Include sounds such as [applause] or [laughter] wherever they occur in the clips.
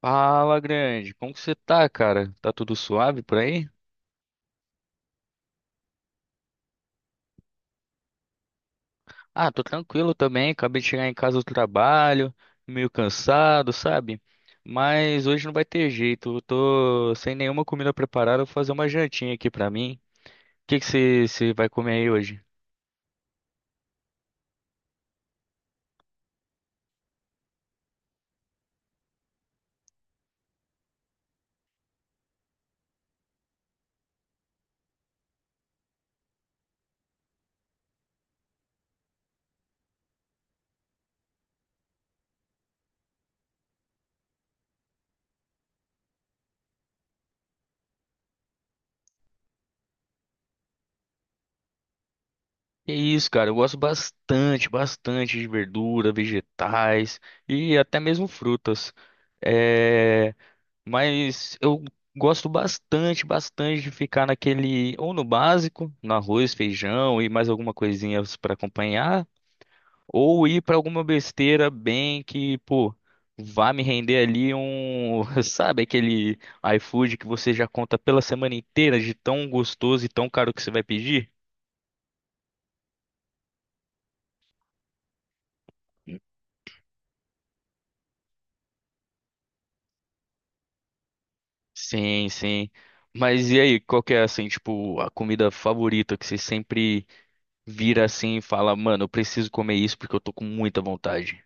Fala, grande. Como que você tá, cara? Tá tudo suave por aí? Ah, tô tranquilo também. Acabei de chegar em casa do trabalho, meio cansado, sabe? Mas hoje não vai ter jeito. Eu tô sem nenhuma comida preparada. Vou fazer uma jantinha aqui pra mim. O que que você vai comer aí hoje? Que isso, cara. Eu gosto bastante, bastante de verdura, vegetais e até mesmo frutas. É, mas eu gosto bastante, bastante de ficar naquele, ou no básico, no arroz, feijão e mais alguma coisinha para acompanhar, ou ir para alguma besteira bem que, pô, vá me render ali um, [laughs] sabe, aquele iFood que você já conta pela semana inteira de tão gostoso e tão caro que você vai pedir? Sim, sim. Mas e aí, qual que é assim, tipo, a comida favorita que você sempre vira assim e fala, mano, eu preciso comer isso porque eu tô com muita vontade?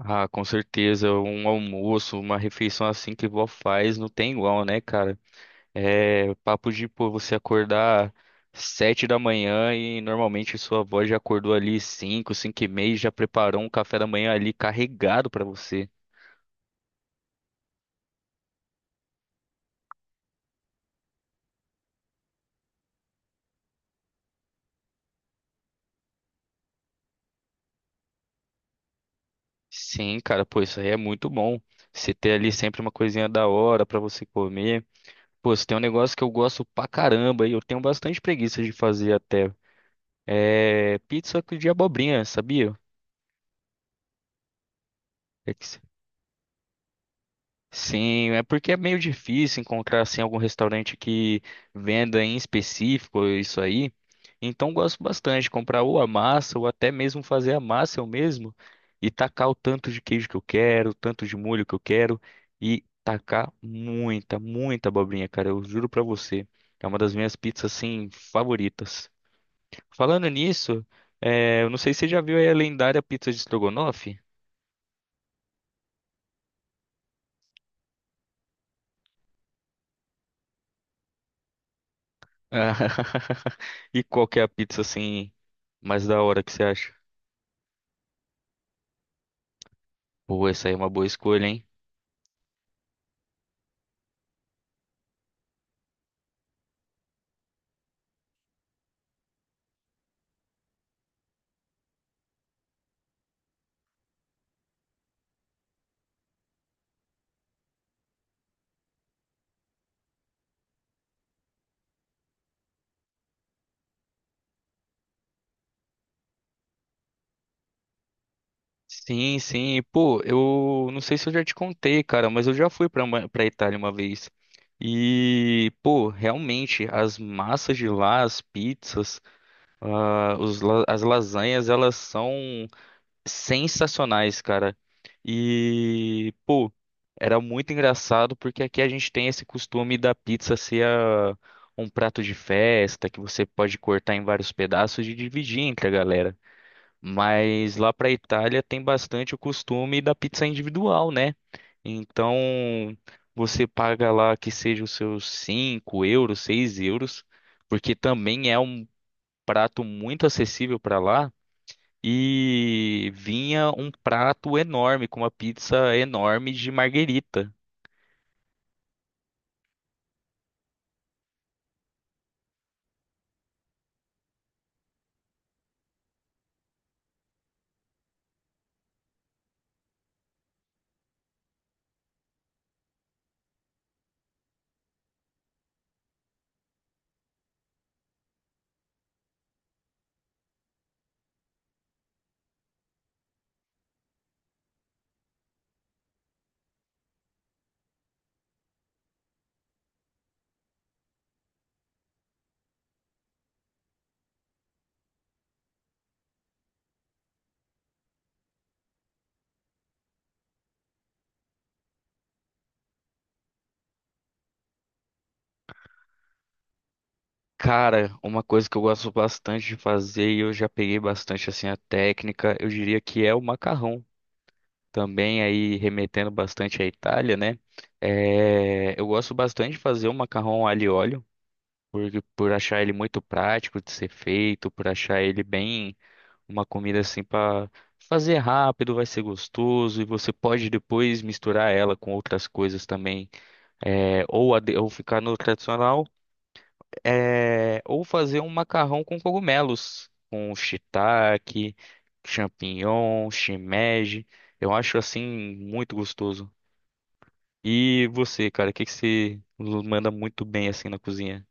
Ah, com certeza, um almoço, uma refeição assim que vó faz não tem igual, né, cara? É papo de, pô, você acordar 7 da manhã e normalmente sua avó já acordou ali 5, 5:30, e já preparou um café da manhã ali carregado pra você. Sim, cara, pô, isso aí é muito bom. Você ter ali sempre uma coisinha da hora pra você comer. Pô, se tem um negócio que eu gosto pra caramba e eu tenho bastante preguiça de fazer até, é pizza de abobrinha, sabia? É que se- Sim, é porque é meio difícil encontrar assim algum restaurante que venda em específico isso aí. Então gosto bastante de comprar ou a massa ou até mesmo fazer a massa eu mesmo e tacar o tanto de queijo que eu quero, o tanto de molho que eu quero e tacar muita, muita abobrinha, cara, eu juro pra você. É uma das minhas pizzas assim favoritas. Falando nisso, eu não sei se você já viu aí a lendária pizza de estrogonofe. [laughs] E qual que é a pizza assim mais da hora que você acha? Pô, essa aí é uma boa escolha, hein? Sim, sim. Pô, eu não sei se eu já te contei, cara, mas eu já fui pra, Ma- pra Itália uma vez. E, pô, realmente, as massas de lá, as pizzas, ah, os la- as lasanhas, elas são sensacionais, cara. E, pô, era muito engraçado porque aqui a gente tem esse costume da pizza ser a- um prato de festa que você pode cortar em vários pedaços e dividir entre a galera. Mas lá pra Itália tem bastante o costume da pizza individual, né? Então você paga lá que seja os seus 5 euros, 6 euros, porque também é um prato muito acessível pra lá e vinha um prato enorme, com uma pizza enorme de marguerita. Cara, uma coisa que eu gosto bastante de fazer e eu já peguei bastante assim a técnica, eu diria que é o macarrão. Também aí remetendo bastante à Itália, né? É, eu gosto bastante de fazer o macarrão alho e óleo, por, por achar ele muito prático de ser feito, por achar ele bem uma comida assim para fazer rápido, vai ser gostoso e você pode depois misturar ela com outras coisas também, é, ou, ade- ou ficar no tradicional, é, ou fazer um macarrão com cogumelos, com shiitake, champignon, shimeji. Eu acho assim muito gostoso. E você, cara, o que que você manda muito bem assim na cozinha?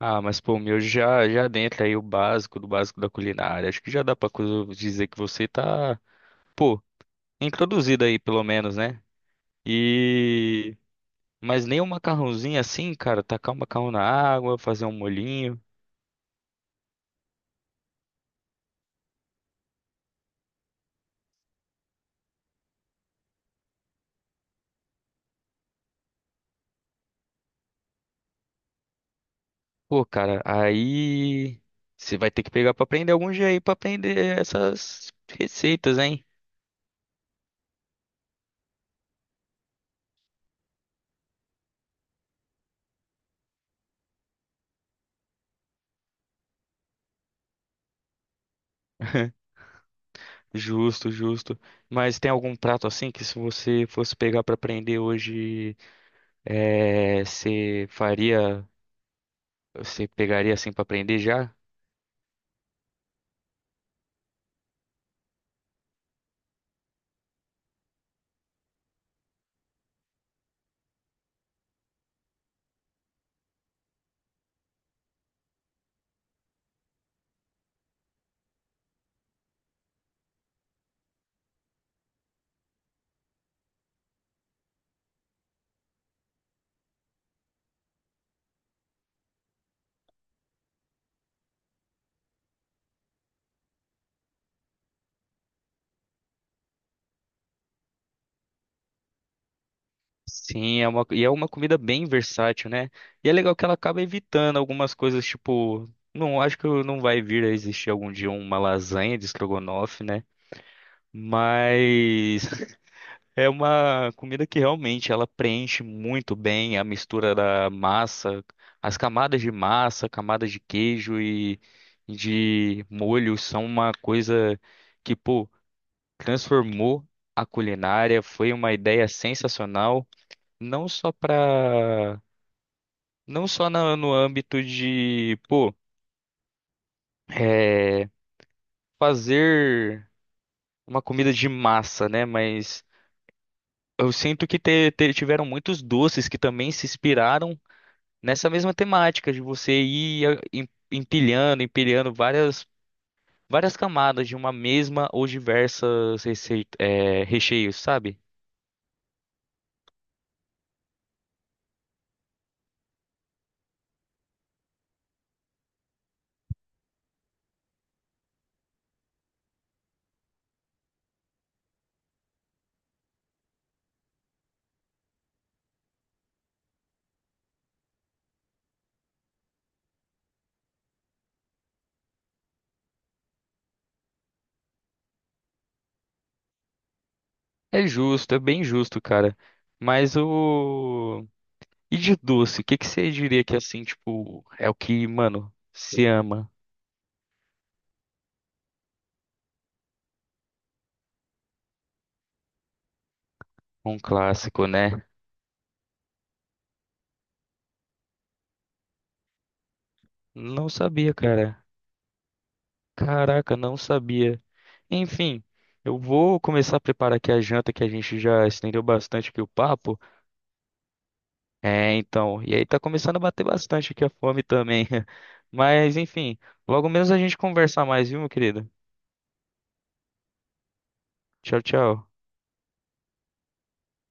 Ah, mas pô, o meu já dentro aí o básico do básico da culinária. Acho que já dá pra coisa- dizer que você tá, pô, introduzida aí, pelo menos, né? E. Mas nem um macarrãozinho assim, cara, tacar um macarrão na água, fazer um molhinho. Pô, cara, aí, você vai ter que pegar pra aprender algum jeito aí pra aprender essas receitas, hein? [laughs] Justo, justo. Mas tem algum prato assim que se você fosse pegar pra aprender hoje, é, você faria, você pegaria assim pra aprender já? Sim, é uma, e é uma comida bem versátil, né? E é legal que ela acaba evitando algumas coisas, tipo, não acho que não vai vir a existir algum dia uma lasanha de estrogonofe, né? Mas [laughs] é uma comida que realmente ela preenche muito bem a mistura da massa, as camadas de massa, camadas de queijo e de molho são uma coisa que, pô, transformou a culinária, foi uma ideia sensacional não só para, não só na- no âmbito de, pô, é, fazer uma comida de massa, né? Mas eu sinto que te- te- tiveram muitos doces que também se inspiraram nessa mesma temática de você ir a- em- empilhando, empilhando várias, várias camadas de uma mesma ou diversas receita, é, recheios, sabe? É justo, é bem justo, cara. Mas o E de doce, o que que você diria que assim, tipo, é o que, mano, se ama? Um clássico, né? Não sabia, cara. Caraca, não sabia. Enfim, eu vou começar a preparar aqui a janta que a gente já estendeu bastante aqui o papo. É, então, e aí tá começando a bater bastante aqui a fome também. [laughs] Mas enfim, logo menos a gente conversar mais, viu, meu querido? Tchau, tchau.